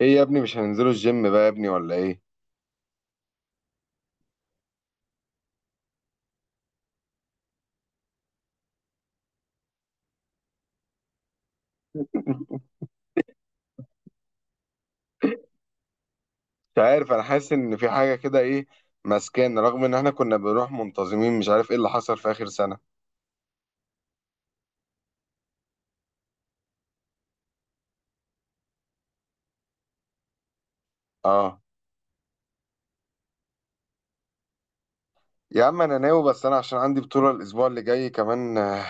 ايه يا ابني، مش هننزلوا الجيم بقى يا ابني ولا ايه؟ مش عارف، انا حاسس ان في حاجه كده، ايه ماسكانا؟ رغم ان احنا كنا بنروح منتظمين. مش عارف ايه اللي حصل في اخر سنه. اه يا عم انا ناوي، بس انا عشان عندي بطوله الاسبوع اللي جاي كمان،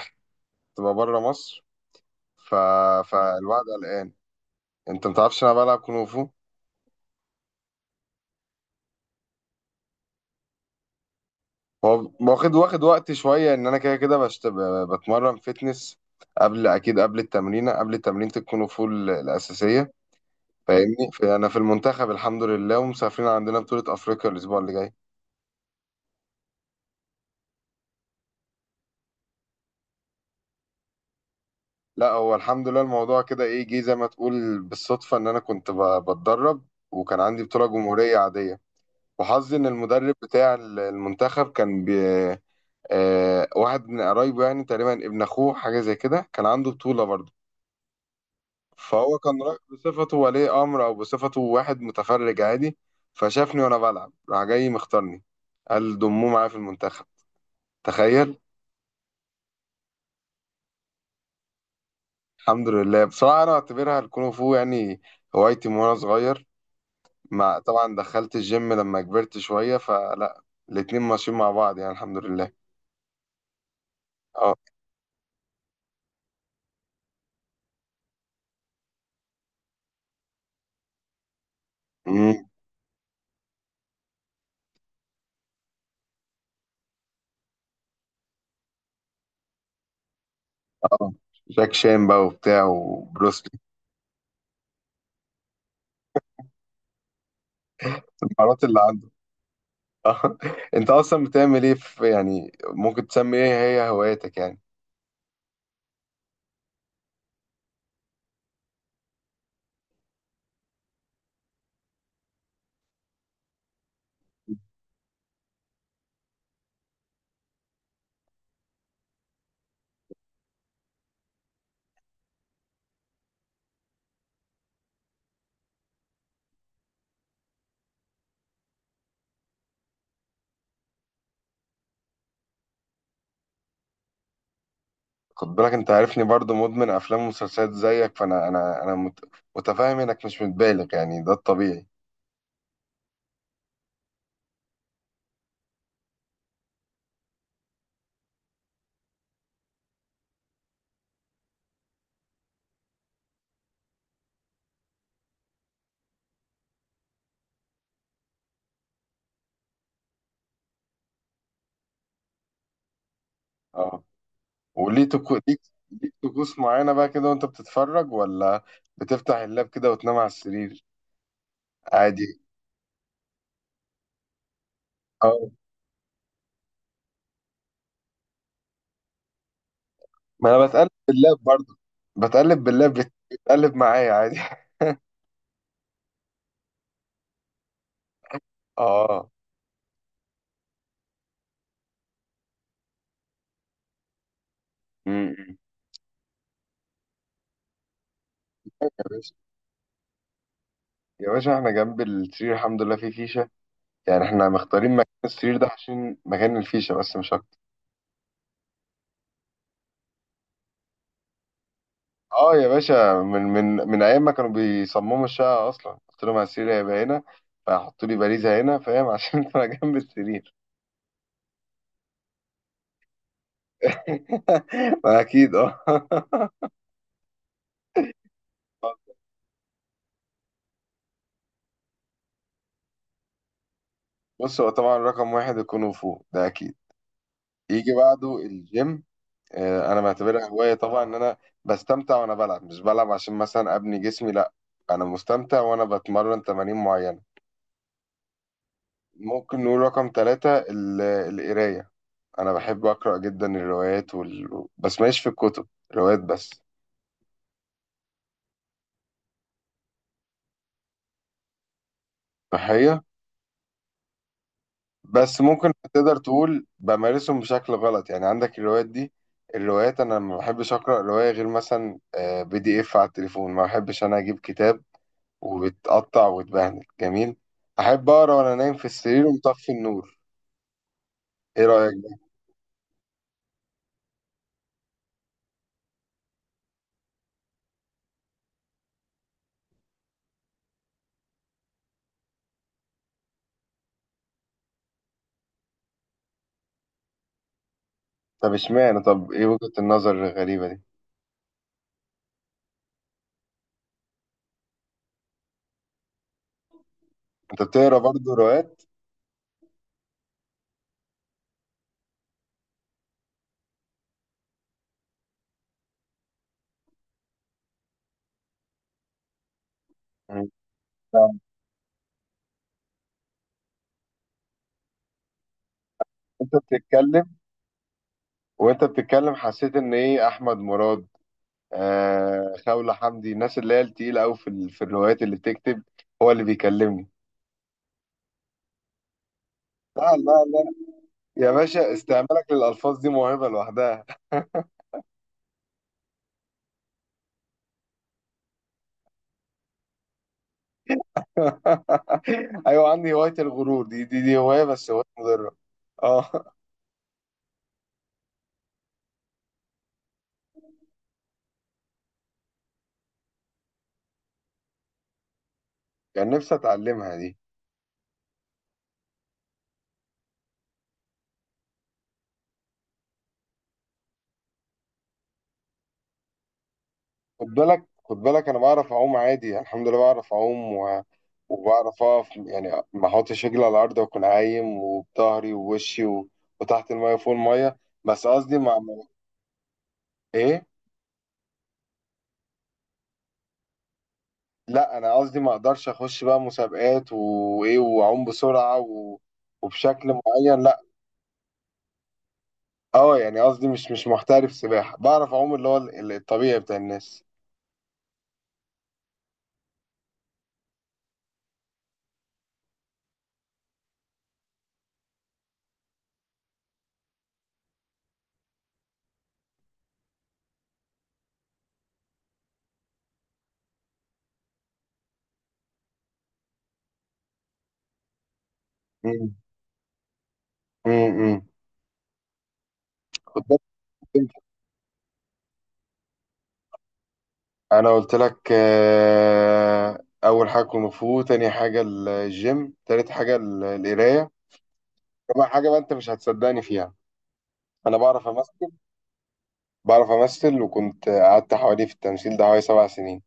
تبقى بره مصر. ف... فالوعد قلقان. انت متعرفش انا بلعب كونغ فو. هو واخد وقت شويه، ان انا كده كده بتمرن فتنس قبل، اكيد قبل التمرين، قبل تمرينه الكونغ فو الاساسيه، فاهمني؟ فانا في المنتخب الحمد لله، ومسافرين عندنا بطولة افريقيا الاسبوع اللي جاي. لا هو الحمد لله، الموضوع كده ايه، جه زي ما تقول بالصدفة، ان انا كنت بتدرب وكان عندي بطولة جمهورية عادية، وحظي ان المدرب بتاع المنتخب كان بي آه واحد من قرايبه يعني، تقريبا ابن اخوه حاجة زي كده، كان عنده بطولة برضه. فهو كان رايح بصفته ولي امر، او بصفته واحد متفرج عادي. فشافني وانا بلعب، راح جاي مختارني. قال ضموه معايا في المنتخب. تخيل. الحمد لله، بصراحة أنا أعتبرها الكونغ فو يعني هوايتي من وأنا صغير. مع طبعا دخلت الجيم لما كبرت شوية، فلا، الاتنين ماشيين مع بعض يعني الحمد لله. اه. أمم، اه. جاك شان بقى وبتاع، وبروسلي. المهارات اللي عنده. آه. أنت أصلا بتعمل إيه في، يعني ممكن تسمي إيه هي هواياتك يعني؟ خد بالك، أنت عارفني برضو مدمن أفلام ومسلسلات زيك، فأنا أنا متفاهم إنك مش متبالغ يعني، ده الطبيعي. آه. ليك، طقوس معينة بقى كده وانت بتتفرج، ولا بتفتح اللاب كده وتنام على السرير عادي؟ اه. ما انا بتقلب باللاب برضه. بتقلب باللاب، بتقلب معايا عادي. اه. امم يا باشا، يا باشا احنا جنب السرير الحمد لله في فيشة، يعني احنا مختارين مكان السرير ده عشان مكان الفيشة، بس مش اكتر. اه يا باشا، من ايام ما كانوا بيصمموا الشقة، اصلا قلت لهم على السرير هيبقى هنا، فحطوا لي باريزة هنا، فاهم؟ عشان انا جنب السرير. ما اكيد اه. بص هو طبعا رقم واحد الكونغ فو ده اكيد، يجي بعده الجيم. انا بعتبرها هوايه طبعا، ان انا بستمتع وانا بلعب، مش بلعب عشان مثلا ابني جسمي لا، انا مستمتع وانا بتمرن تمارين معينه. ممكن نقول رقم ثلاثة القرايه. انا بحب اقرا جدا الروايات بس ماليش في الكتب، روايات بس. صحيح. بس ممكن تقدر تقول بمارسهم بشكل غلط يعني، عندك الروايات دي، الروايات انا ما بحبش اقرا روايه غير مثلا بي دي اف على التليفون، ما بحبش انا اجيب كتاب وبتقطع وتبهدل جميل، احب اقرا وانا نايم في السرير ومطفي النور. ايه رايك بقى؟ طب اشمعنى، طب ايه وجهه النظر الغريبه دي؟ انت بتقرا برضو روايات؟ مم. طب انت بتتكلم وانت بتتكلم حسيت ان ايه احمد مراد، خولة حمدي، الناس اللي هي التقيله قوي في في الروايات اللي بتكتب هو اللي بيكلمني؟ لا لا لا، يا باشا استعمالك للألفاظ دي موهبة لوحدها. أيوة عندي هواية الغرور، دي هواية، بس هواية مضرة. اه. كان نفسي أتعلمها دي. خد بالك، خد بالك، أنا بعرف أعوم عادي، الحمد لله بعرف أعوم وبعرف أقف يعني، ما أحطش رجلي على الأرض وأكون عايم، وبظهري ووشي وتحت المية وفوق المية. بس قصدي مع. إيه؟ لا، أنا قصدي ما أقدرش أخش بقى مسابقات وإيه وأعوم بسرعة وبشكل معين لا. اه يعني قصدي، مش محترف سباحة، بعرف اعوم اللي هو الطبيعي بتاع الناس. مم. مم. مم. خد بالك. انت. انا قلت لك، اول حاجة كونغ فو، تاني حاجة الجيم، تالت حاجة القراية، رابع حاجة بقى انت مش هتصدقني فيها، انا بعرف امثل. بعرف امثل وكنت قعدت حوالي في التمثيل ده حوالي 7 سنين.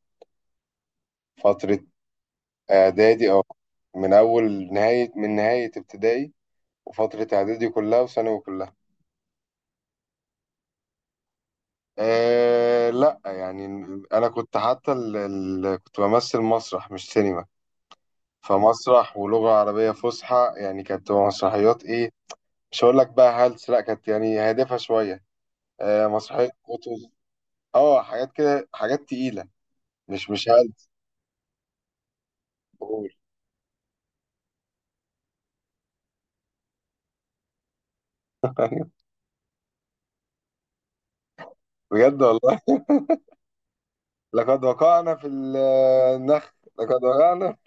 فترة اعدادي، من نهاية ابتدائي، وفترة اعدادي كلها وثانوي كلها. لا يعني انا كنت حتى كنت بمثل مسرح، مش سينما. فمسرح ولغة عربية فصحى يعني، كانت تبقى مسرحيات ايه؟ مش هقول لك بقى هلس، لا كانت يعني هادفة شوية. مسرحية قطز. اه حاجات كده، حاجات تقيلة، مش هلس. بقول. بجد والله؟ لقد وقعنا في النخ، لقد وقعنا.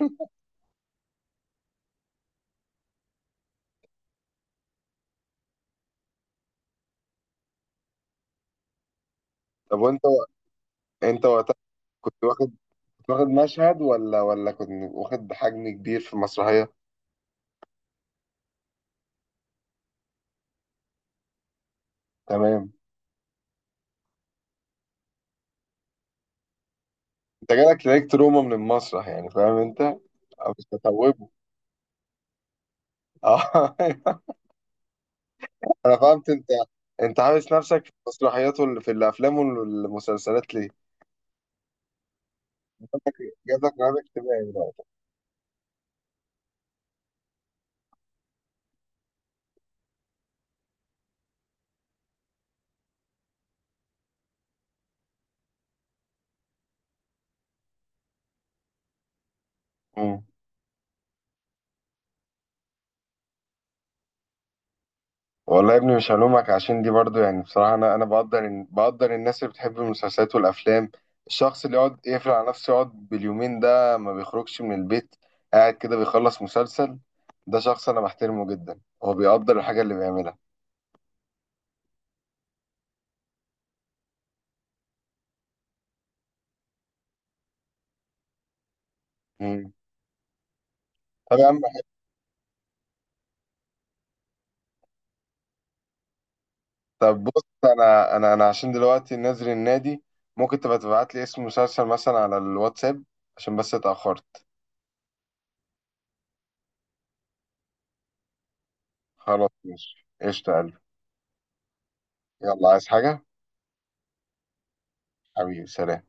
طب وانت وقتها، كنت واخد كنت واخد مشهد ولا كنت واخد حجم كبير في المسرحية؟ تمام. انت جالك لايك تروما من المسرح يعني، فاهم انت؟ أو مش هتوبه. اه. انا فهمت، انت حابس نفسك في المسرحيات واللي في الافلام والمسلسلات، ليه؟ جاب لك رهاب اجتماعي بقى. مم. والله يا ابني مش هلومك، عشان دي برضو يعني بصراحة، أنا بقدر الناس اللي بتحب المسلسلات والأفلام. الشخص اللي يقعد يقفل على نفسه، يقعد باليومين ده ما بيخرجش من البيت، قاعد كده بيخلص مسلسل، ده شخص أنا بحترمه جدا، هو بيقدر الحاجة اللي بيعملها. مم. طب يا عم، طب بص، انا عشان دلوقتي نازل النادي، ممكن تبقى تبعت لي اسم مسلسل مثلا على الواتساب، عشان بس اتأخرت. خلاص ماشي، قشطة يا قلبي. يلا، عايز حاجة؟ حبيبي سلام.